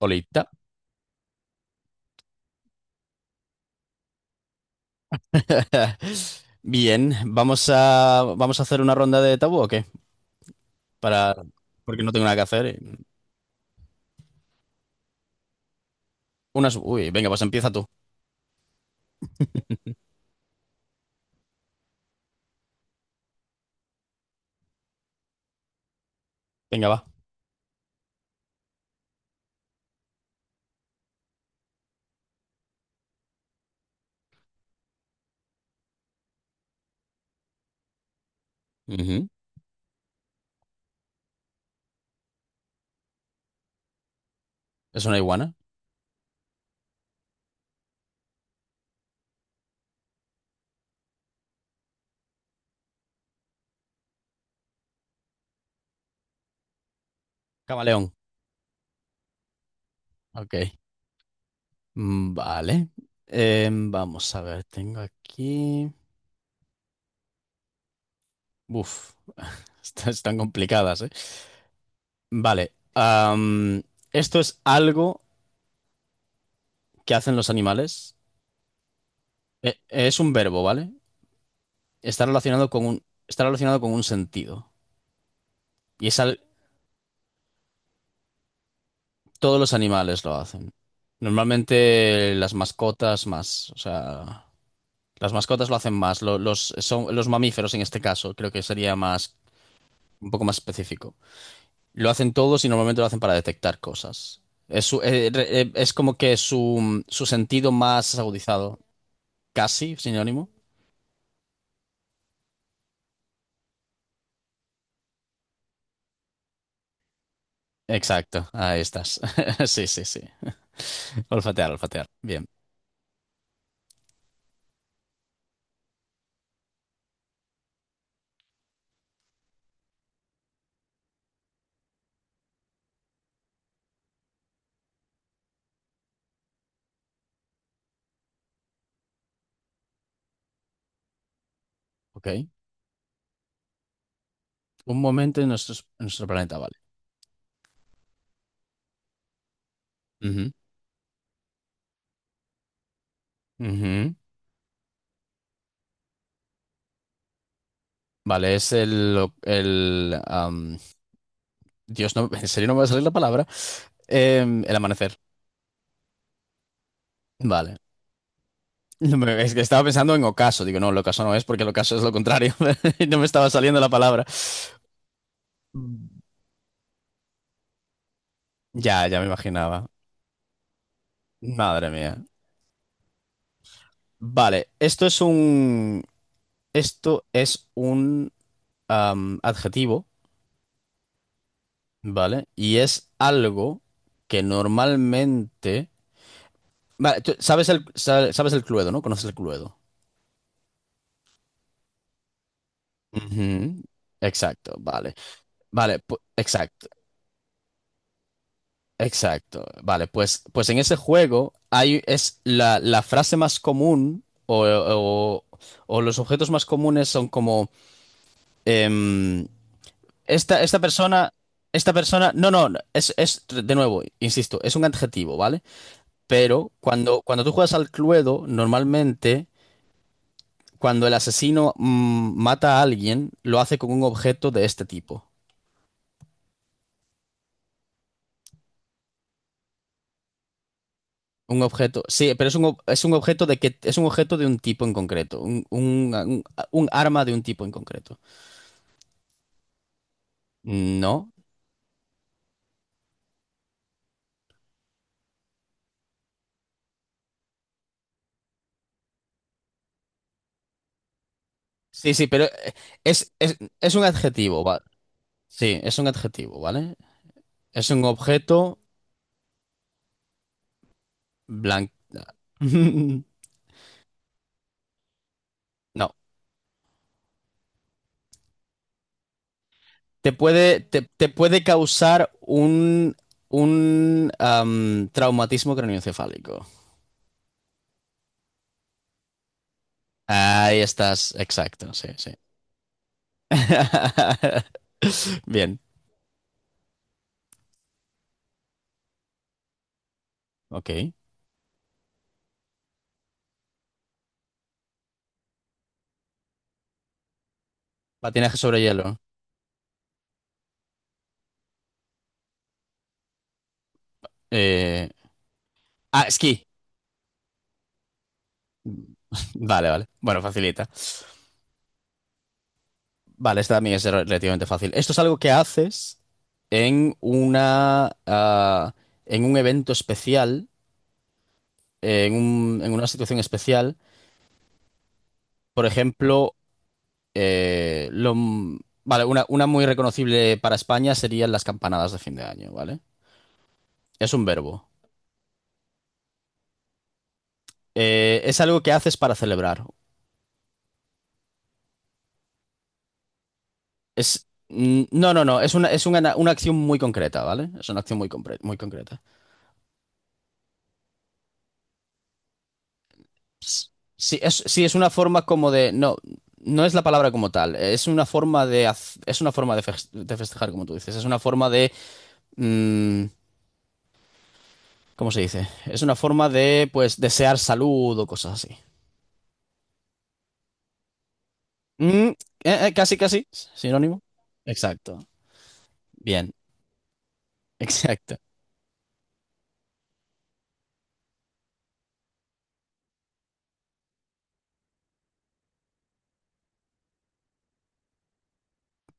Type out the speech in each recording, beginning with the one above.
Olita. Bien, vamos a hacer una ronda de tabú o qué? Para, porque no tengo nada que hacer. Unas, uy, venga, pues empieza tú. Venga, va. Ujú. Es una iguana. Camaleón. Ok. Vale. Vamos a ver, tengo aquí. Uf, estas están complicadas, ¿eh? Vale. Esto es algo que hacen los animales. Es un verbo, ¿vale? Está relacionado con un sentido. Y es, al- Todos los animales lo hacen. Normalmente las mascotas más, o sea, las mascotas lo hacen más. Los mamíferos en este caso, creo que sería más, un poco más específico. Lo hacen todos y normalmente lo hacen para detectar cosas. Es como que su sentido más agudizado, casi sinónimo. Exacto, ahí estás. Sí, sí, sí. Olfatear, olfatear. Bien, ok. Un momento en nuestros- En nuestro planeta, vale. Ujú, ujú. Vale, es el, el Dios, no, en serio no me va a salir la palabra. El amanecer. Vale. No Me- Es que estaba pensando en ocaso. Digo, no, el ocaso no es porque el ocaso es lo contrario. No me estaba saliendo la palabra. Ya, ya me imaginaba. Madre mía. Vale, esto es un. Esto es un adjetivo, ¿vale? Y es algo que normalmente. Vale, tú sabes el, sa- sabes el Cluedo, ¿no? Conoces el Cluedo. Ujú, exacto, vale. Vale, pu- exacto, exacto. Vale, pues, pues en ese juego hay, la frase más común o los objetos más comunes son como em, esta, esta persona, esta persona, no, no, no, es, de nuevo, insisto, es un adjetivo, ¿vale? Pero cuando tú juegas al Cluedo, normalmente cuando el asesino mata a alguien, lo hace con un objeto de este tipo. Un objeto, sí, pero es un objeto de que es un objeto de un tipo en concreto, un arma de un tipo en concreto. ¿No? Sí, sí, pero es un adjetivo, va. Sí, es un adjetivo, ¿vale? Es un objeto blanco. No. Te puede causar un traumatismo craneoencefálico. Ahí estás, exacto, sí, sí. Bien, ok. Patinaje sobre hielo. Eh, ah, esquí. Vale, vale. Bueno, facilita. Vale, esta también es relativamente fácil. Esto es algo que haces en una, ah, en un evento especial, en una situación especial. Por ejemplo, eh, lo, m- vale, una muy reconocible para España serían las campanadas de fin de año, ¿vale? Es un verbo. Es algo que haces para celebrar. Es, mm, no, no, no. Una acción muy concreta, ¿vale? Es una acción muy, muy concreta. Sí, es una forma como de. No, no es la palabra como tal. Es una forma de. Es una forma de festejar, como tú dices. Es una forma de. Mm, ¿cómo se dice? Es una forma de, pues, desear salud o cosas así. Mm, eh, Casi, casi. Sinónimo. Exacto. Bien. Exacto.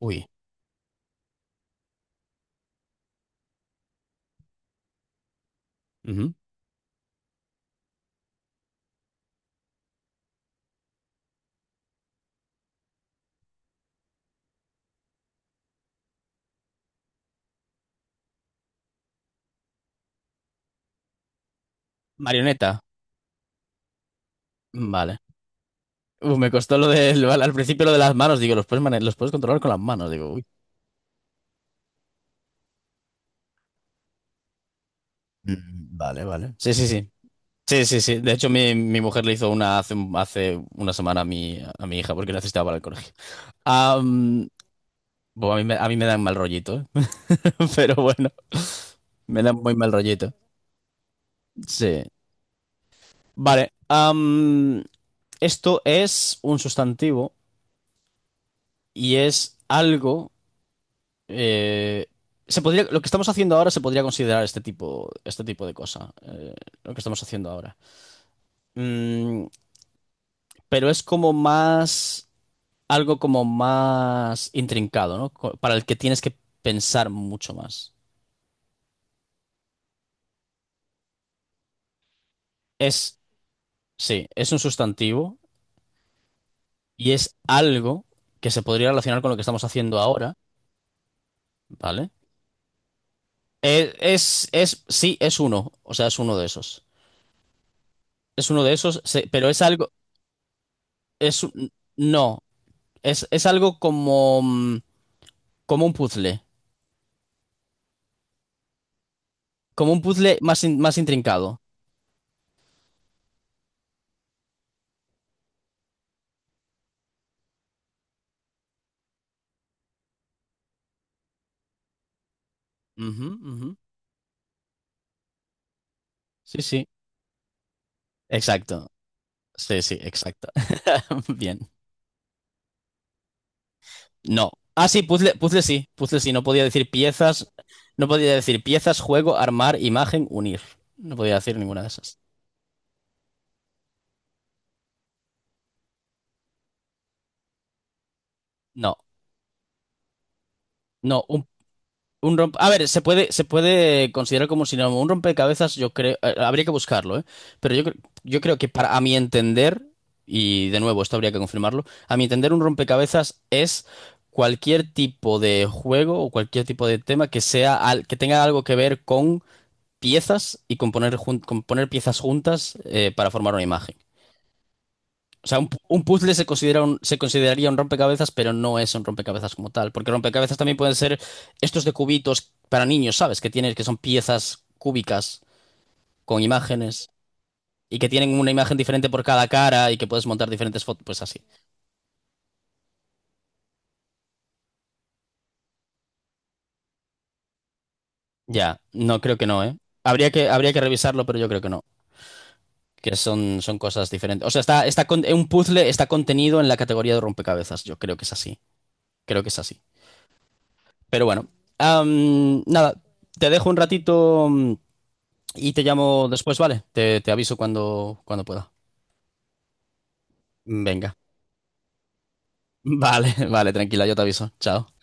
Uy. Ujú. Marioneta. Vale. Uf, me costó al principio lo de las manos. Digo, los puedes controlar con las manos. Digo, uy. Mm, vale, vale. Sí, sí, sí. Sí, sí, sí. De hecho, mi mujer le hizo una hace una semana a a mi hija porque necesitaba para el colegio. Am, bueno, a mí me dan mal rollito, ¿eh? Pero bueno, me dan muy mal rollito. Sí. Vale. Esto es un sustantivo y es algo... eh, Se podría, lo que estamos haciendo ahora se podría considerar este tipo de cosa. Lo que estamos haciendo ahora. Mm, pero es como más... algo como más intrincado, ¿no? Para el que tienes que pensar mucho más. Es, sí, es un sustantivo y es algo que se podría relacionar con lo que estamos haciendo ahora, ¿vale? Sí, es uno, o sea, es uno de esos. Es uno de esos, pero es algo, es, un- no, es algo como, mm, como un puzzle, como un puzzle más, más intrincado. Ujú, ujú. Sí, sí, exacto. Sí, sí, exacto. Bien. No. Ah, sí, puzzle, puzzle sí, puzzle sí. No podía decir piezas, no podía decir piezas, juego, armar, imagen, unir. No podía decir ninguna de esas. No, no, Un, A ver, se puede considerar como un sinónimo. Un rompecabezas, yo creo, habría que buscarlo, ¿eh? Pero yo creo que para, a mi entender, y de nuevo, esto habría que confirmarlo, a mi entender, un rompecabezas es cualquier tipo de juego o cualquier tipo de tema que sea, que tenga algo que ver con piezas y componer, componer piezas juntas para formar una imagen. O sea, un puzzle se considera se consideraría un rompecabezas, pero no es un rompecabezas como tal, porque rompecabezas también pueden ser estos de cubitos para niños, ¿sabes? Que tienen, que son piezas cúbicas con imágenes y que tienen una imagen diferente por cada cara y que puedes montar diferentes fotos, pues así. Ya, no creo que no, ¿eh? Habría que revisarlo, pero yo creo que no, que son, son cosas diferentes. O sea, un puzzle está contenido en la categoría de rompecabezas, yo creo que es así, creo que es así. Pero bueno, am, nada, te dejo un ratito mm, y te llamo después, ¿vale? Te aviso cuando, cuando pueda. Venga. Vale, vale, tranquila, yo te aviso. Chao.